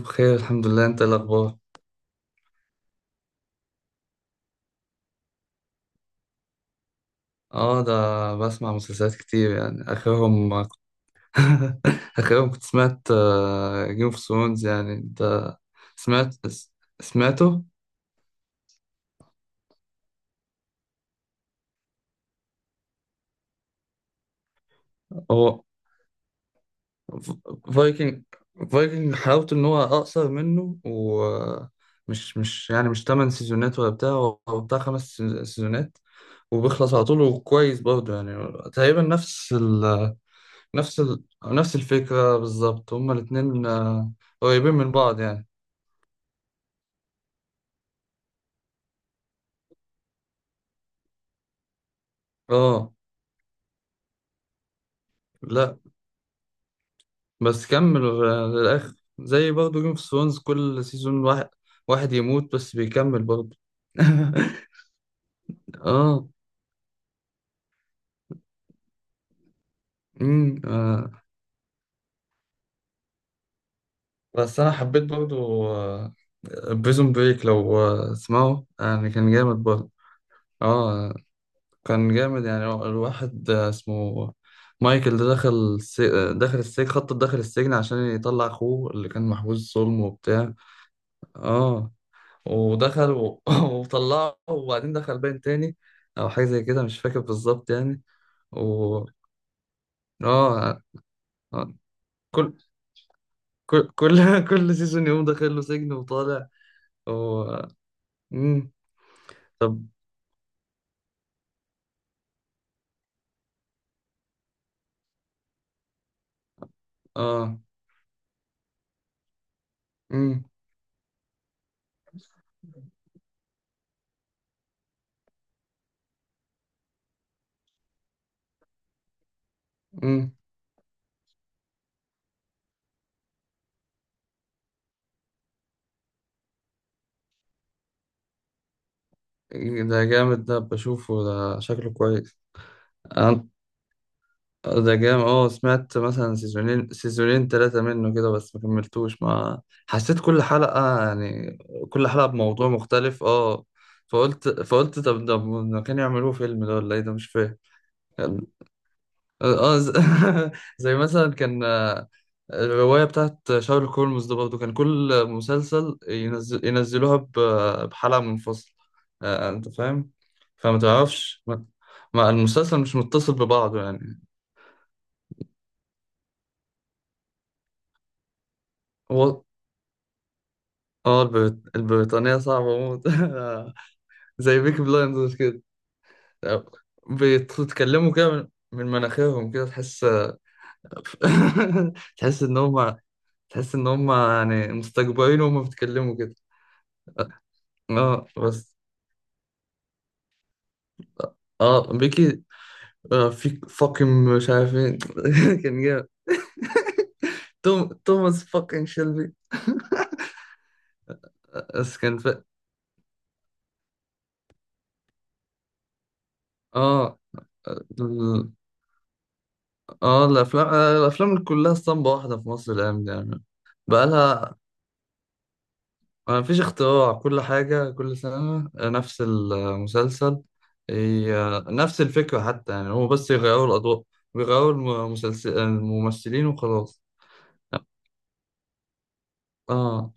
بخير، الحمد لله. انت ايه الاخبار؟ اه ده بسمع مسلسلات كتير، يعني اخرهم اخرهم كنت سمعت جيم اوف ثرونز. يعني انت سمعت سمعته. هو فايكنج فايكنج حلاوته ان هو اقصر منه، ومش مش يعني مش 8 سيزونات ولا بتاع، هو بتاع 5 سيزونات وبيخلص على طول، وكويس برضه. يعني تقريبا نفس الفكرة بالظبط. هما الاتنين قريبين من بعض يعني. اه، لا بس كملوا للآخر، زي برضه جيم اوف ثرونز، كل سيزون واحد واحد يموت بس بيكمل برضه. اه امم آه. بس انا حبيت برضه بريزون بريك، لو تسمعوا، يعني كان جامد برضه. اه، كان جامد. يعني هو الواحد اسمه مايكل ده دخل دخل السجن، خطط دخل السجن عشان يطلع أخوه اللي كان محبوس ظلم وبتاع. اه، ودخل و... وطلعه، وبعدين دخل باين تاني، أو حاجة زي كده، مش فاكر بالظبط يعني. و اه آه، كل كل كل سيزون يقوم داخل له سجن وطالع. و... مم. طب اه. مم. مم. ده جامد، ده بشوفه، ده شكله كويس. ده جام، اه سمعت مثلا سيزونين، 2 و3 منه كده، بس ما كملتوش. ما حسيت، كل حلقة يعني كل حلقة بموضوع مختلف. اه. فقلت طب ده ما كانوا يعملوه فيلم ده ولا ايه؟ ده مش فاهم يعني. اه زي مثلا كان الرواية بتاعت شارلوك هولمز، ده برضه كان كل مسلسل ينزل، ينزلوها بحلقة منفصلة. انت فاهم؟ فما تعرفش، المسلسل مش متصل ببعضه يعني. هو اه البريطانية صعبة موت. زي بيكي بلايندرز كده، بيتكلموا كده من من مناخيرهم كده، تحس. تحس ان هم تحس ان هم يعني مستكبرين وهم بيتكلموا كده. اه بس، اه بيكي في فاكين، مش عارفين. كان جامد. توم، توماس فاكين شيلبي. بس كان ف... اه ال- اه الافلام الافلام كلها اسطمبة واحدة في مصر الايام دي يعني. بقالها، ما فيش اختراع، كل حاجة كل سنة نفس المسلسل. نفس الفكرة حتى يعني، هو بس يغيروا الأضواء، بيغيروا المسلسل، الممثلين، وخلاص. اه.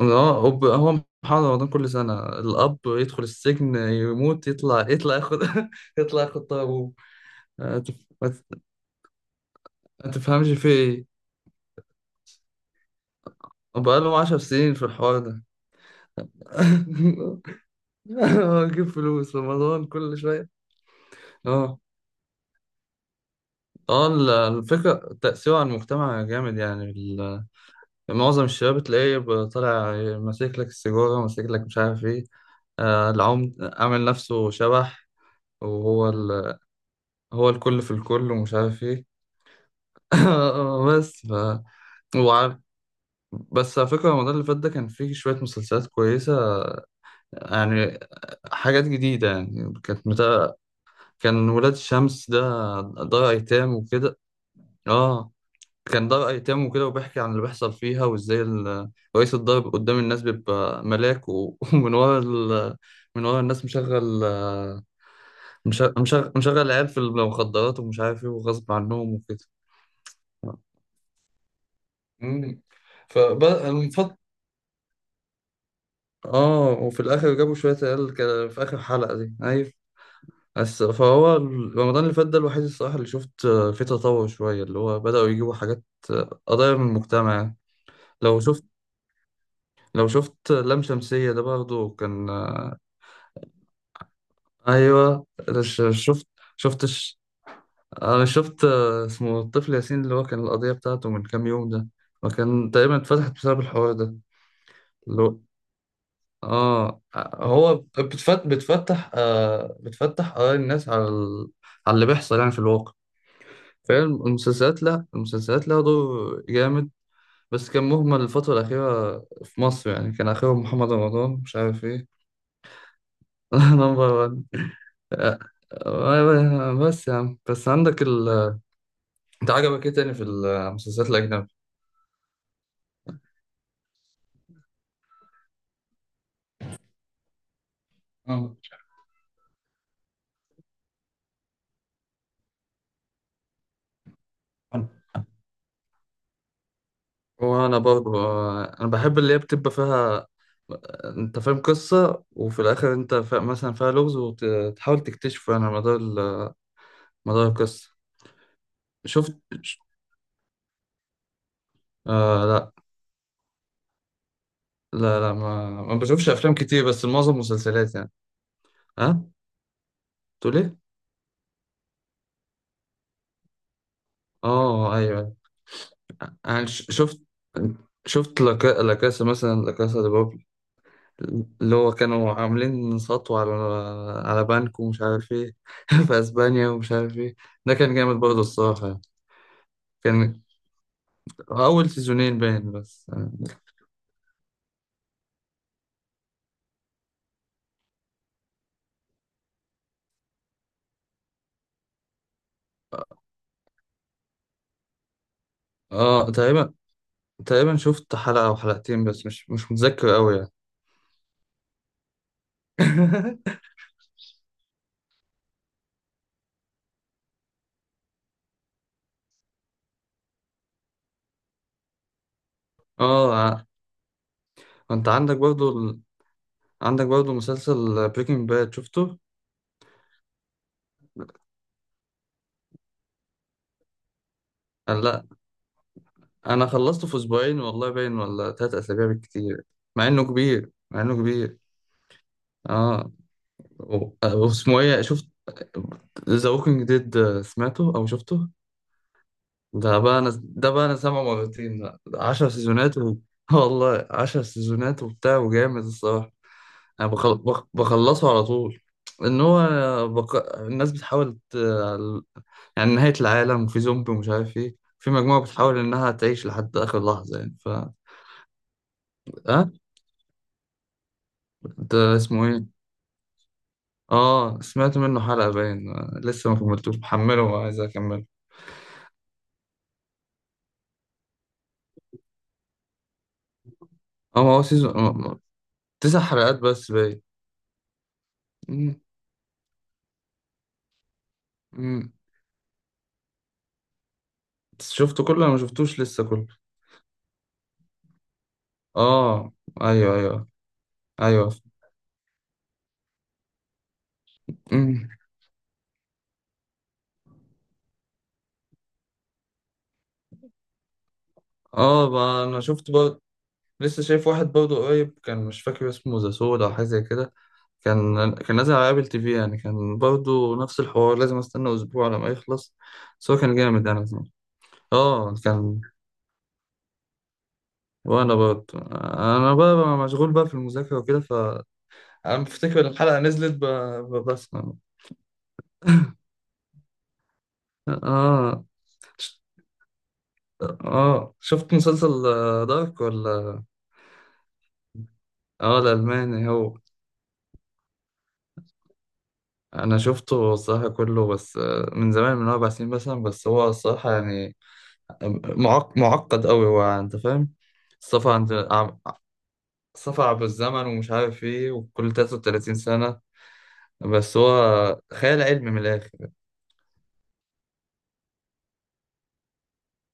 اه. هو هو محمد رمضان كل سنة، الأب يدخل السجن، يموت، يطلع، يطلع ياخد يطلع ياخد طار أبوه. آه، تف- ما ت- ما تفهمش في إيه. بقالهم 10 سنين في الحوار ده. أجيب فلوس رمضان كل شوية. اه. اه الفكرة تأثيره على المجتمع جامد يعني. معظم الشباب تلاقيه طالع ماسك لك السيجارة، ماسك لك مش عارف ايه. آه، العمد عامل نفسه شبح. وهو ال... هو الكل في الكل، ومش عارف ايه. بس ف وعارف، بس على فكرة رمضان اللي فات ده كان فيه شوية مسلسلات كويسة يعني، حاجات جديدة يعني. كان ولاد الشمس ده، دار أيتام وكده. اه، كان دار أيتام وكده، وبيحكي عن اللي بيحصل فيها وإزاي رئيس الدار قدام الناس بيبقى ملاك، و- ومن ورا من ورا الناس مشغل، مشغل عيال في المخدرات، ومش عارف إيه، وغصب عنهم وكده. مم. فبقى المفضل، آه. وفي الآخر جابوا شوية عيال كده في آخر حلقة دي، أيوة. بس فهو رمضان اللي فات ده الوحيد الصراحة اللي شفت فيه تطور شوية، اللي هو بدأوا يجيبوا حاجات، آه، قضايا من المجتمع يعني. لو شفت، لو شفت لام شمسية، ده برضه كان أيوه. ش- شفت شفت ش- أنا شفت. آه، اسمه الطفل ياسين اللي هو كان القضية بتاعته من كام يوم ده، وكان تقريبا اتفتحت بسبب الحوار ده. اللي هو آه، هو بتفتح آراء الناس على اللي بيحصل يعني في الواقع. فاهم، المسلسلات، لا المسلسلات لها دور جامد. بس كان مهمل الفترة الأخيرة في مصر يعني، كان آخرهم محمد رمضان مش عارف إيه. نمبر. آه، بس يا عم، بس عندك ال، انت عجبك ايه تاني في المسلسلات الأجنبي؟ اه، مش عارف. وانا برضه، انا بحب اللي هي بتبقى فيها، انت فاهم، قصة، وفي الاخر انت مثلا فيها لغز وتحاول تكتشفه، يعني على مدار القصة. شفت؟ آه لا لا لا، ما ما بشوفش افلام كتير، بس معظم مسلسلات يعني. ها، تقول ايه؟ اه، ايوه. يعني ش- شفت شفت لا لا كاسا، مثلا لا كاسا دي اللي هو كانوا عاملين سطو على، على بنك ومش عارف ايه، في اسبانيا ومش عارف ايه. ده كان جامد برضه الصراحة يعني. كان اول 2 باين بس. اه، تقريبا تقريبا شفت 1 أو 2 حلقة، بس مش مش متذكر قوي يعني. اه ع- انت عندك برضو عندك برضو مسلسل بريكنج باد، شفته؟ لا، انا خلصته في اسبوعين والله باين، ولا 3 اسابيع بالكتير. مع انه كبير، مع انه كبير. اه. واسمه ايه، شفت ذا ووكينج ديد؟ سمعته او شفته؟ ده بقى انا سامعه مرتين بقى. 10 سيزونات و... والله 10 سيزونات وبتاع، وجامد الصراحة. بخلصه على طول. ان هو، بق... الناس بتحاول ت... يعني نهاية العالم، وفي زومبي، ومش عارف ايه، في مجموعة بتحاول انها تعيش لحد اخر لحظة يعني ف. اه، ده اسمه ايه؟ اه، سمعت منه حلقة باين، لسه ما كملتوش محمله، وعايز اكمله. اه، ما هو سيزون، 9 حلقات بس باين. مم. مم. شفته كله؟ انا ما شفتوش لسه كله. اه ايوه ايوه. ايوه. مم. اه، ما انا شفت بقى. لسه شايف واحد برضه قريب، كان مش فاكر اسمه ذا سود او حاجه زي كده، كان كان نازل على ابل تي في يعني، كان برضه نفس الحوار، لازم استنى اسبوع على ما يخلص. بس هو كان جامد يعني زمان. اه كان. وانا برضه انا بقى مشغول بقى في المذاكره وكده ف. انا بفتكر الحلقه نزلت بسمع. اه. اه شفت مسلسل دارك ولا؟ اه، الألماني هو. أنا شفته الصراحة كله بس من زمان، من 4 سنين مثلا، بس هو الصراحة يعني معقد أوي هو، أنت فاهم. السفر عند عم- السفر عبر الزمن ومش عارف إيه، وكل 33 سنة. بس هو خيال علمي من الآخر.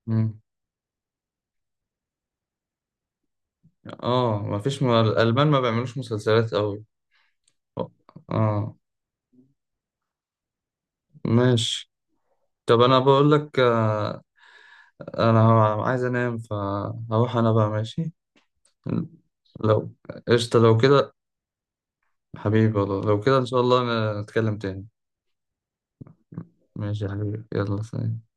مم. اه، الألمان ما بيعملوش مسلسلات أوي. اه، ماشي. طب أنا بقول لك انا عايز انام فهروح انا بقى، ماشي؟ لو، قشطة لو كده، حبيبي والله، لو كده ان شاء الله نتكلم تاني. ماشي يا حبيبي، يلا سلام.